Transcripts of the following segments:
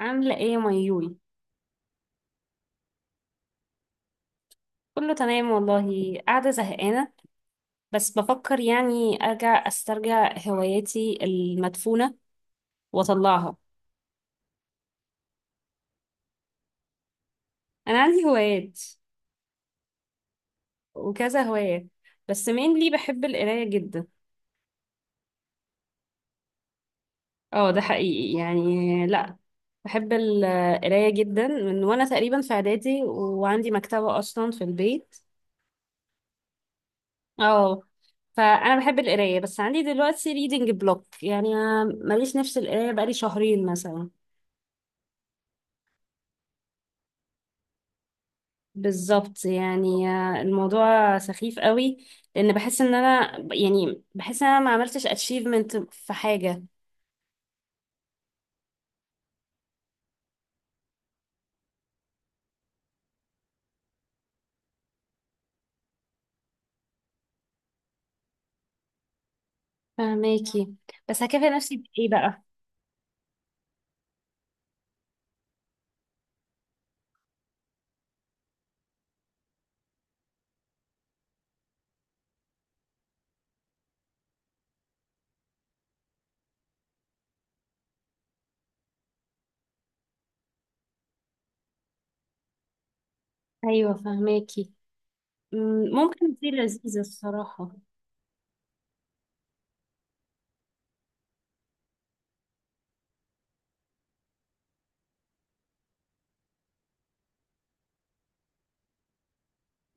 عاملة ايه يا ميول؟ كله تمام والله، قاعدة زهقانة بس بفكر يعني ارجع استرجع هواياتي المدفونة واطلعها. انا عندي هوايات وكذا هواية، بس mainly بحب القراية جدا. اه ده حقيقي، يعني لا بحب القراية جدا من وانا تقريبا في اعدادي، وعندي مكتبة اصلا في البيت. اه، فانا بحب القراية بس عندي دلوقتي reading block يعني، ماليش نفس القراية بقالي شهرين مثلا. بالظبط يعني، الموضوع سخيف قوي لان بحس ان انا، يعني بحس ان انا ما عملتش اتشيفمنت في حاجه. فهماكي، بس هكافئ نفسي بايه بقى؟ ايوه فهماكي. ممكن دي لذيذه الصراحه.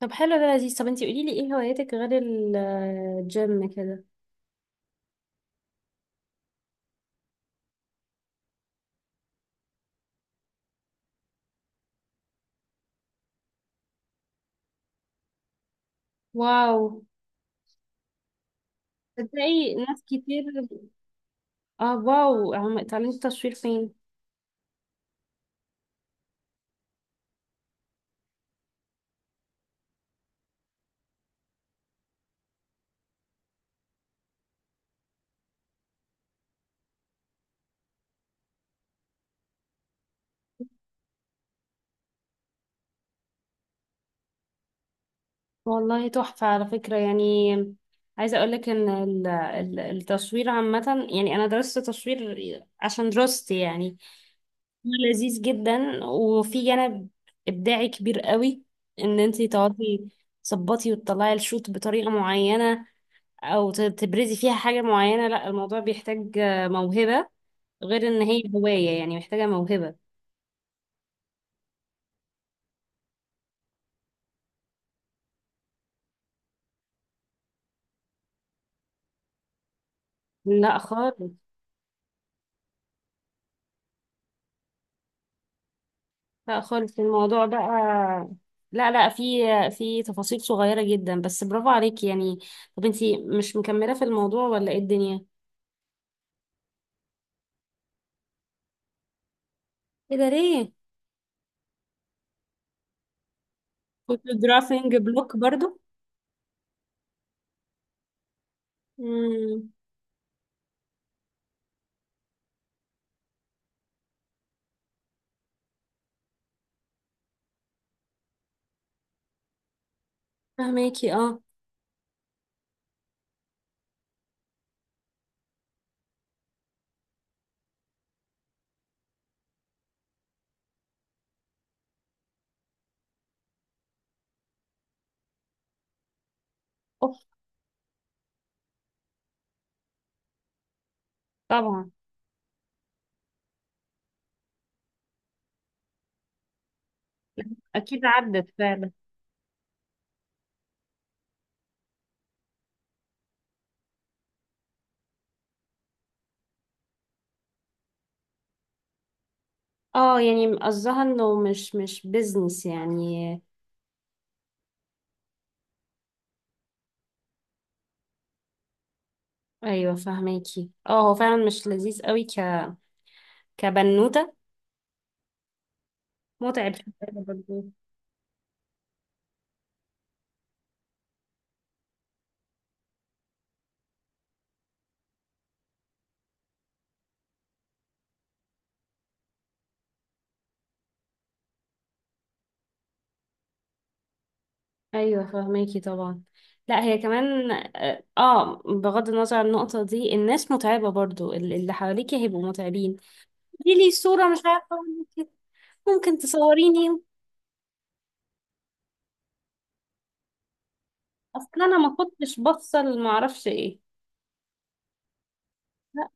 طب حلو، ده لذيذ. طب انتي قولي لي ايه هواياتك غير الجيم كده؟ واو، تصدقي ناس كتير. اه، واو، تعليم التصوير فين؟ والله تحفة على فكرة يعني. عايزة أقولك إن التصوير عامة يعني، أنا درست تصوير عشان دراستي يعني. هو لذيذ جدا، وفي جانب إبداعي كبير قوي، إن أنتي تقعدي تظبطي وتطلعي الشوت بطريقة معينة، أو تبرزي فيها حاجة معينة. لا الموضوع بيحتاج موهبة، غير إن هي هواية يعني محتاجة موهبة. لا خالص. لا خالص، الموضوع بقى، لا لا، في في تفاصيل صغيرة جدا، بس برافو عليكي يعني. طب انتي مش مكملة في الموضوع ولا ايه الدنيا؟ ايه ده ليه؟ كنت درافينج بلوك برضو؟ امم. فهماكي اه. اوف. طبعا. اكيد عدت فعلا. اه، يعني قصدها انه مش بيزنس يعني. ايوه فهماكي اه، هو فعلا مش لذيذ قوي ك كبنوتة، متعب شوية. برضو. ايوه فهماكي طبعا. لا هي كمان اه، بغض النظر عن النقطه دي، الناس متعبه برضو، اللي حواليكي هيبقوا متعبين. دي لي صوره مش عارفه أقول لك إيه. ممكن تصوريني. اصلا انا ما كنتش بفصل، ما اعرفش ايه. لا.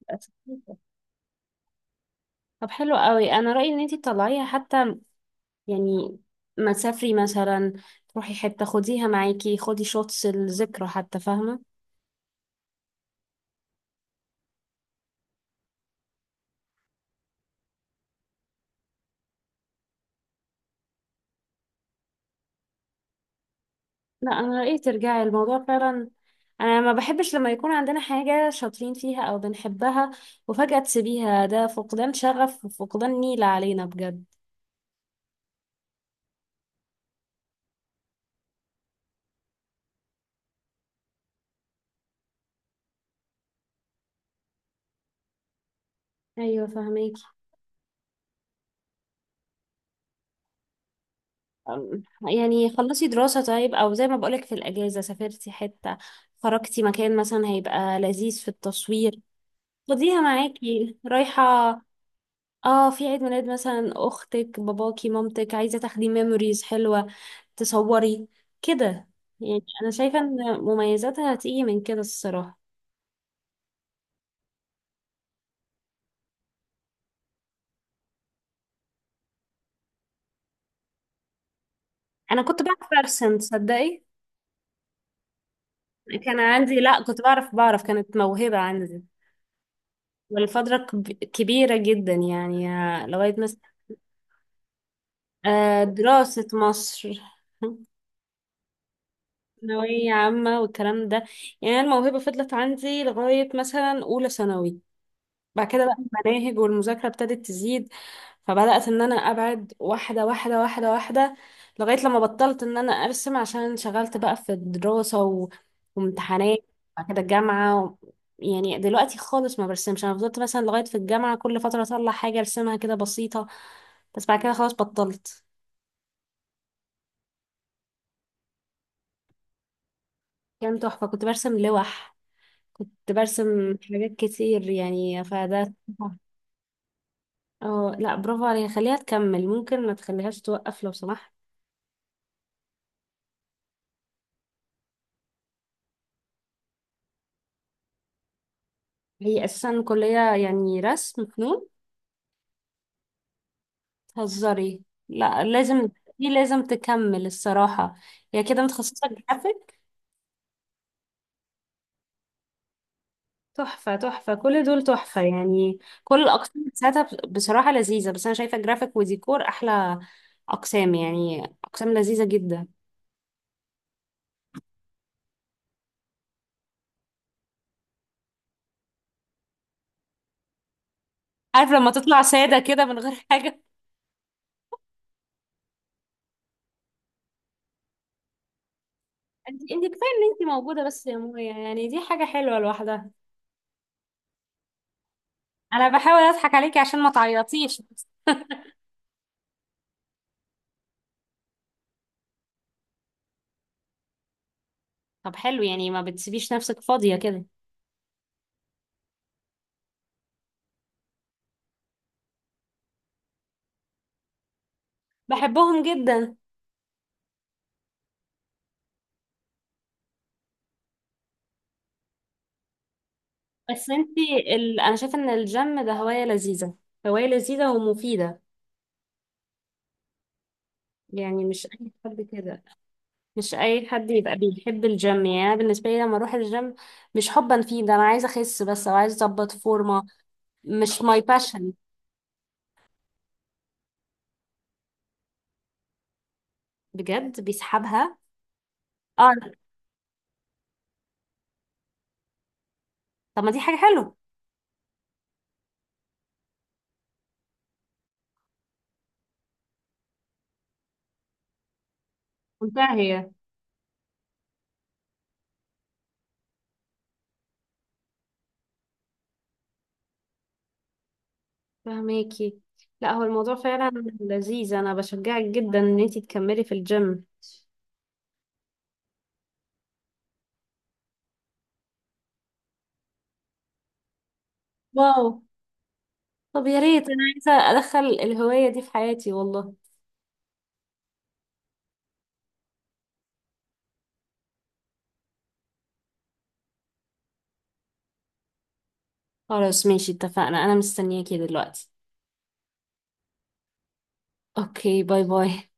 بقى سخيفة. طب حلو قوي، انا رايي ان انتي تطلعيها حتى، يعني ما تسافري مثلا، تروحي حته خديها معاكي، خدي شوتس الذكرى حتى، فاهمه؟ لا انا رأيي ترجعي الموضوع فعلا. انا ما بحبش لما يكون عندنا حاجة شاطرين فيها او بنحبها وفجأة تسيبيها، ده فقدان شغف وفقدان نيلة علينا بجد. ايوه فهميكي. أم، يعني خلصي دراسة طيب، او زي ما بقولك، في الاجازة سافرتي حتة، خرجتي مكان، مثلا هيبقى لذيذ في التصوير. خديها معاكي رايحة. اه، في عيد ميلاد مثلا اختك، باباكي، مامتك عايزة تاخدي ميموريز حلوة، تصوري كده، يعني انا شايفه ان مميزاتها هتيجي من كده الصراحه. انا كنت بعرف ارسم، تصدقي؟ كان عندي، لا كنت بعرف، بعرف، كانت موهبه عندي. والفتره كبيره جدا، يعني لغايه مثلا، دراسه مصر. ثانويه عامه والكلام ده. يعني الموهبه فضلت عندي لغايه مثلا اولى ثانوي. بعد كده بقى المناهج والمذاكرة ابتدت تزيد، فبدأت ان انا ابعد، واحدة واحدة، واحدة واحدة، لغاية لما بطلت ان انا ارسم عشان انشغلت بقى في الدراسة و... وامتحانات. بعد كده الجامعة و... يعني دلوقتي خالص ما برسمش. انا فضلت مثلا لغاية في الجامعة، كل فترة اطلع حاجة ارسمها كده بسيطة، بس بعد كده خلاص بطلت. كان تحفة، كنت برسم لوح، كنت برسم حاجات كتير، يعني فده. اه. لا برافو عليها، خليها تكمل، ممكن ما تخليهاش توقف لو سمحت. هي اساسا كلية يعني رسم، فنون؟ تهزري! لا لازم، دي لازم تكمل الصراحة. هي كده متخصصة جرافيك. تحفة، تحفة، كل دول تحفة، يعني كل الأقسام بتاعتها بصراحة لذيذة، بس أنا شايفة جرافيك وديكور أحلى أقسام، يعني أقسام لذيذة جدا. عارف لما تطلع سادة كده من غير حاجة. انت، انت كفاية ان انت موجودة بس يا مويا، يعني دي حاجة حلوة لوحدها. أنا بحاول أضحك عليكي عشان ما تعيطيش. طب حلو، يعني ما بتسيبيش نفسك فاضية كده. بحبهم جدا. بس انتي انا شايفه ان الجيم ده هوايه لذيذه، هوايه لذيذه ومفيده، يعني مش اي حد كده، مش اي حد يبقى بيحب الجيم. يعني أنا بالنسبه لي لما اروح الجيم، مش حبا فيه، ده انا عايزه اخس بس او عايزه اظبط فورمه، مش ماي باشن. بجد بيسحبها. اه. طب ما دي حاجه حلوه. ممتعه هي. فهماكي. لا هو الموضوع فعلا لذيذ، انا بشجعك جدا ان انتي تكملي في الجيم. واو. طب يا ريت، انا عايزه ادخل الهوايه دي في حياتي والله. خلاص ماشي، اتفقنا، انا مستنياكي دلوقتي. اوكي، باي باي.